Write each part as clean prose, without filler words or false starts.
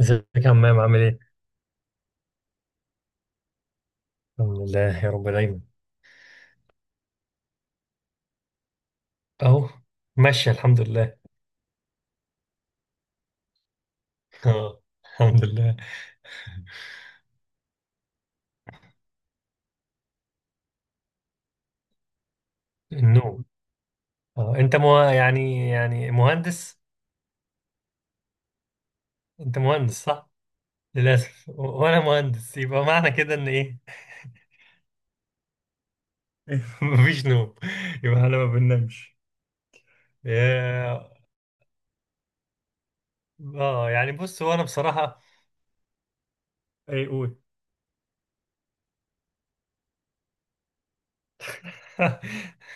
ازيك يا عمام، عامل ايه؟ الحمد لله يا رب دايما. اهو، ماشي الحمد لله. اه، الحمد لله. النوم. اه، انت مو يعني مهندس. انت مهندس صح؟ للاسف، و- وانا مهندس يبقى معنى كده ان ايه؟ مفيش نوم. يبقى احنا ما بننامش. يا- اه يعني بص، هو انا بصراحة، ايه قول.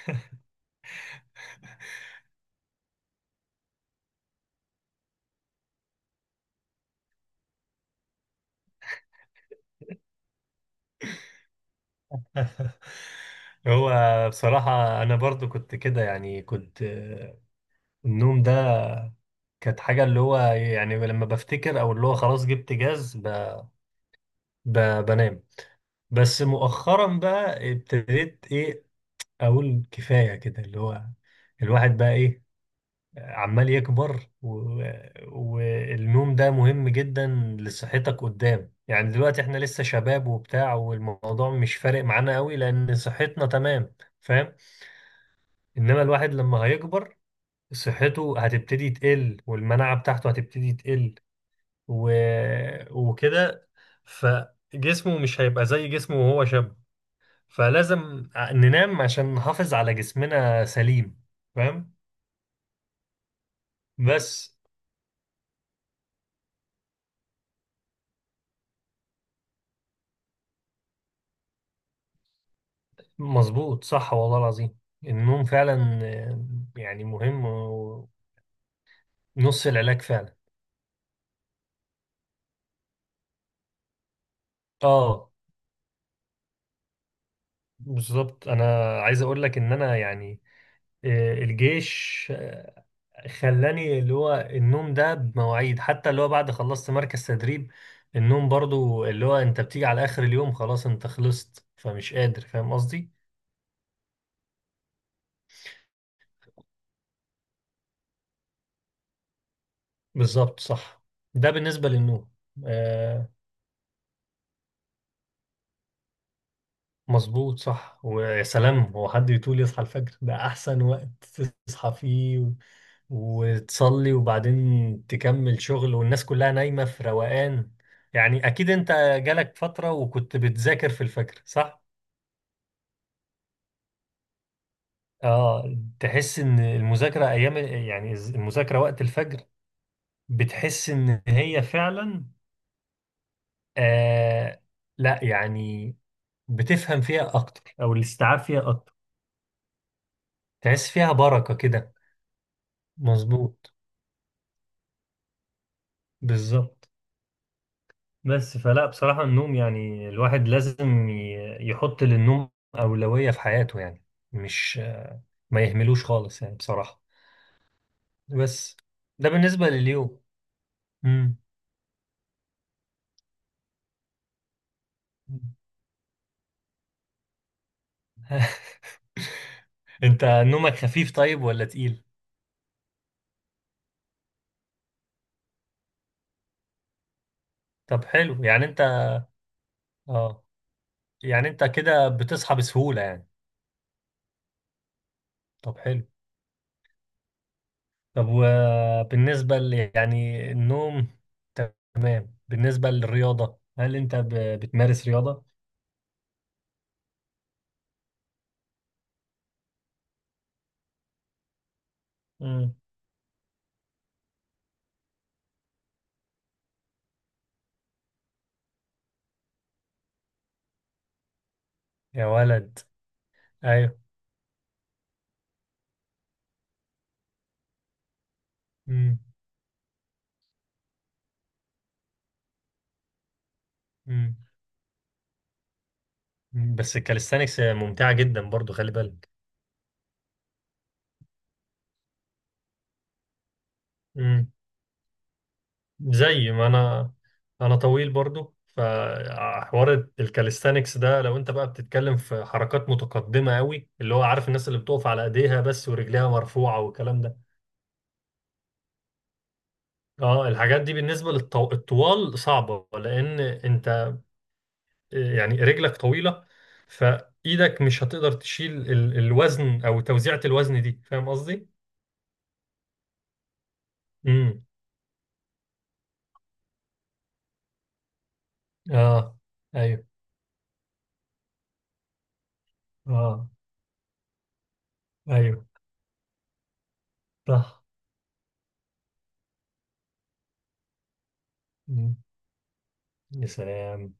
هو بصراحة أنا برضو كنت كده يعني كنت النوم ده كانت حاجة اللي هو يعني لما بفتكر أو اللي هو خلاص جبت جاز ب... بنام. بس مؤخرا بقى ابتديت إيه، أقول كفاية كده، اللي هو الواحد بقى إيه، عمال يكبر والنوم ده مهم جدا لصحتك قدام. يعني دلوقتي إحنا لسه شباب وبتاع، والموضوع مش فارق معانا قوي لأن صحتنا تمام، فاهم. إنما الواحد لما هيكبر صحته هتبتدي تقل، والمناعة بتاعته هتبتدي تقل و... وكده، فجسمه مش هيبقى زي جسمه وهو شاب. فلازم ننام عشان نحافظ على جسمنا سليم، فاهم. بس مظبوط صح والله العظيم، النوم فعلا يعني مهم، ونص العلاج فعلا. اه بالظبط، انا عايز اقول لك ان انا يعني الجيش خلاني اللي هو النوم ده بمواعيد، حتى اللي هو بعد خلصت مركز تدريب النوم برضو، اللي هو انت بتيجي على اخر اليوم خلاص انت خلصت، فمش قادر، فاهم قصدي. بالظبط صح، ده بالنسبة للنوم. آه. مظبوط صح. ويا سلام، هو حد يطول يصحى الفجر؟ ده احسن وقت تصحى فيه وتصلي وبعدين تكمل شغل، والناس كلها نايمة في روقان. يعني اكيد انت جالك فترة وكنت بتذاكر في الفجر صح. اه، تحس ان المذاكره ايام، يعني المذاكره وقت الفجر، بتحس ان هي فعلا آه، لا يعني بتفهم فيها اكتر او الاستيعاب فيها اكتر. تحس فيها بركه كده. مظبوط، بالظبط. بس فلا بصراحه النوم، يعني الواحد لازم يحط للنوم اولويه في حياته، يعني مش ما يهملوش خالص يعني بصراحه. بس ده بالنسبه لليوم. امم انت نومك خفيف طيب ولا تقيل؟ طب حلو، يعني انت اه، يعني انت كده بتصحى بسهولة يعني. طب حلو. طب وبالنسبة يعني النوم تمام، بالنسبة للرياضة هل انت بتمارس رياضة؟ مم. يا ولد، ايوه. مم. مم. مم. بس الكاليستانكس ممتعة جدا برضو، خلي بالك. زي ما انا، انا طويل برضو، فحوار الكاليستانكس ده لو انت بقى بتتكلم في حركات متقدمة قوي، اللي هو عارف الناس اللي بتقف على ايديها بس ورجليها مرفوعة والكلام ده. اه، الحاجات دي بالنسبة للطوال صعبة، لان انت يعني رجلك طويلة، فايدك مش هتقدر تشيل الوزن، او توزيعة الوزن دي، فاهم قصدي؟ امم اه، ايوه. اه، ايوه، صح. مم. يا سلام.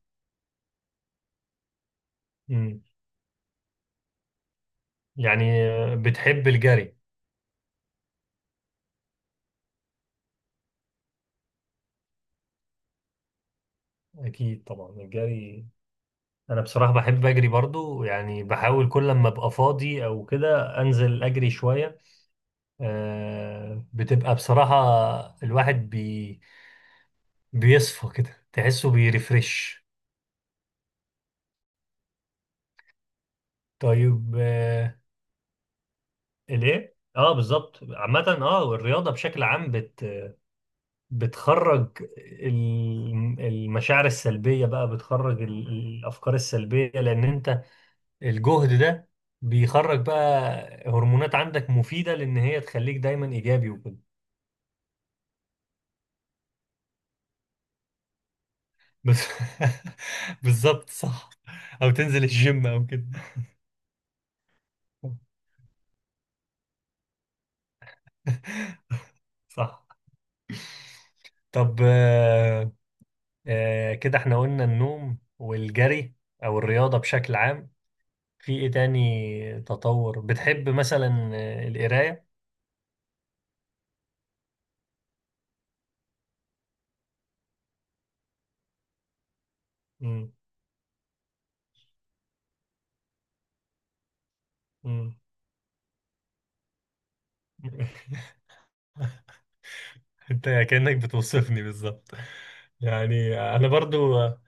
يعني بتحب الجري؟ اكيد طبعا، الجري انا بصراحة بحب اجري برضو، يعني بحاول كل لما ابقى فاضي او كده انزل اجري شوية. بتبقى بصراحة الواحد بيصفى كده، تحسه بيرفرش. طيب الايه، اه بالظبط عامة، اه الرياضة بشكل عام بتخرج المشاعر السلبية، بقى بتخرج الافكار السلبية، لان انت الجهد ده بيخرج بقى هرمونات عندك مفيدة، لأن هي تخليك دايما إيجابي وكده. بس بالظبط صح. أو تنزل الجيم أو كده. صح. طب كده احنا قلنا النوم والجري، أو الرياضة بشكل عام. في إيه تاني تطور بتحب، مثلا القراية؟ مم. مم. انت كأنك بتوصفني بالظبط. يعني انا برضو اه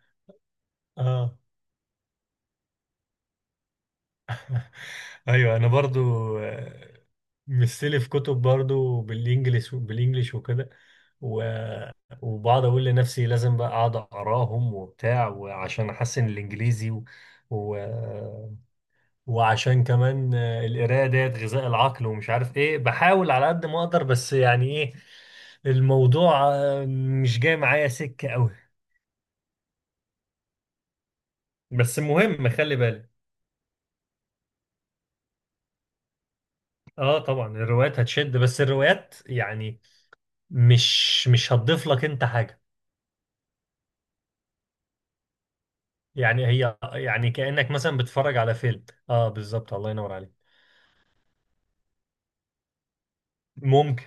آه. ايوه، انا برضو آه، مستلي في كتب برضو، بالانجليش وكده، و- وبقعد اقول لنفسي لازم بقى اقعد اقراهم وبتاع، وعشان احسن الانجليزي و... وعشان كمان القرايه ديت غذاء العقل ومش عارف ايه، بحاول على قد ما اقدر، بس يعني ايه، الموضوع مش جاي معايا سكه قوي. بس مهم خلي بالك. اه طبعا الروايات هتشد، بس الروايات يعني مش هتضيف لك انت حاجه. يعني هي يعني كأنك مثلا بتتفرج على فيلم. اه بالظبط، الله ينور عليك. ممكن،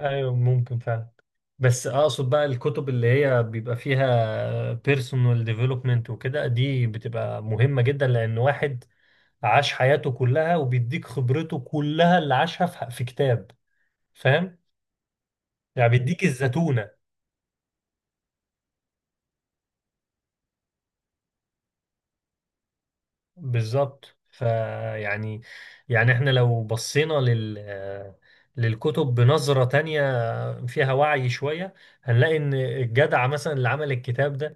ايوه ممكن فعلا. بس اقصد بقى الكتب اللي هي بيبقى فيها بيرسونال ديفلوبمنت وكده دي بتبقى مهمة جدا، لان واحد عاش حياته كلها وبيديك خبرته كلها اللي عاشها في كتاب، فاهم. يعني بيديك الزتونة. بالظبط، فيعني يعني يعني احنا لو بصينا للكتب بنظرة تانية، فيها وعي شوية، هنلاقي إن الجدع مثلا اللي عمل الكتاب ده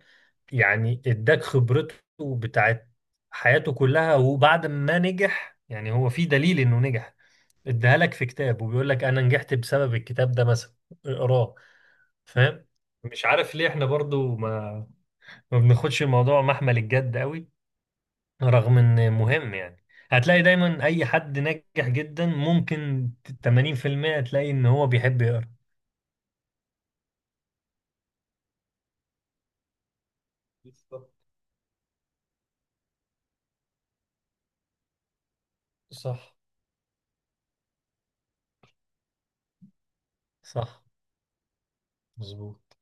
يعني اداك خبرته بتاعت حياته كلها، وبعد ما نجح، يعني هو في دليل إنه نجح، اداها لك في كتاب وبيقول لك أنا نجحت بسبب الكتاب ده مثلا، اقراه، فاهم. مش عارف ليه احنا برضو ما بناخدش الموضوع محمل الجد قوي، رغم إن مهم يعني. هتلاقي دايما أي حد ناجح جدا، ممكن 80% تلاقي إن هو بيحب يقرأ. بالظبط صح. صح، مظبوط.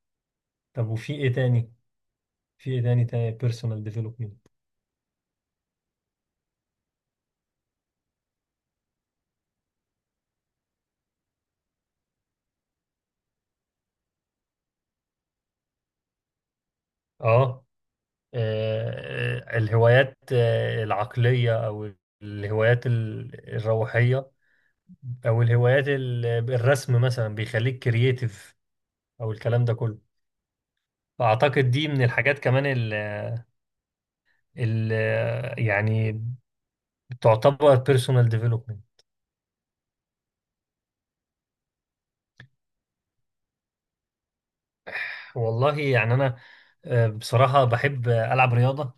طب وفي ايه تاني، في ايه تاني بيرسونال ديفلوبمنت. اه الهوايات العقلية، او الهوايات الروحية، او الهوايات الرسم مثلا بيخليك كرييتيف، او الكلام ده كله، فاعتقد دي من الحاجات كمان ال ال يعني تعتبر بيرسونال ديفلوبمنت. والله يعني انا بصراحة بحب العب رياضة،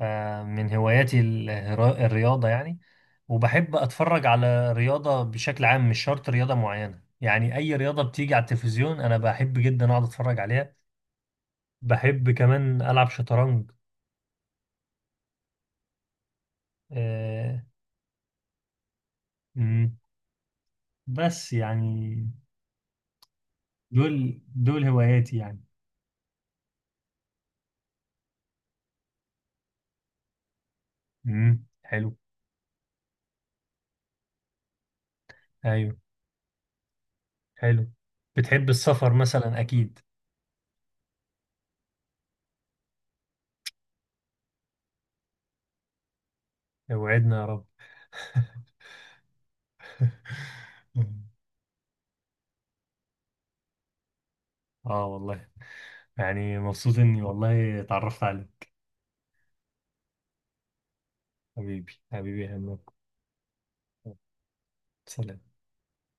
من هواياتي الرياضة يعني، وبحب أتفرج على رياضة بشكل عام، مش شرط رياضة معينة، يعني أي رياضة بتيجي على التلفزيون أنا بحب جدا أقعد أتفرج عليها. بحب كمان ألعب شطرنج. آه، مم. بس يعني دول هواياتي يعني. مم. حلو. أيوه، حلو. بتحب السفر مثلا أكيد. وعدنا يا رب. آه والله، يعني مبسوط إني والله اتعرفت عليك. حبيبي، حبيبي يا همام. سلام.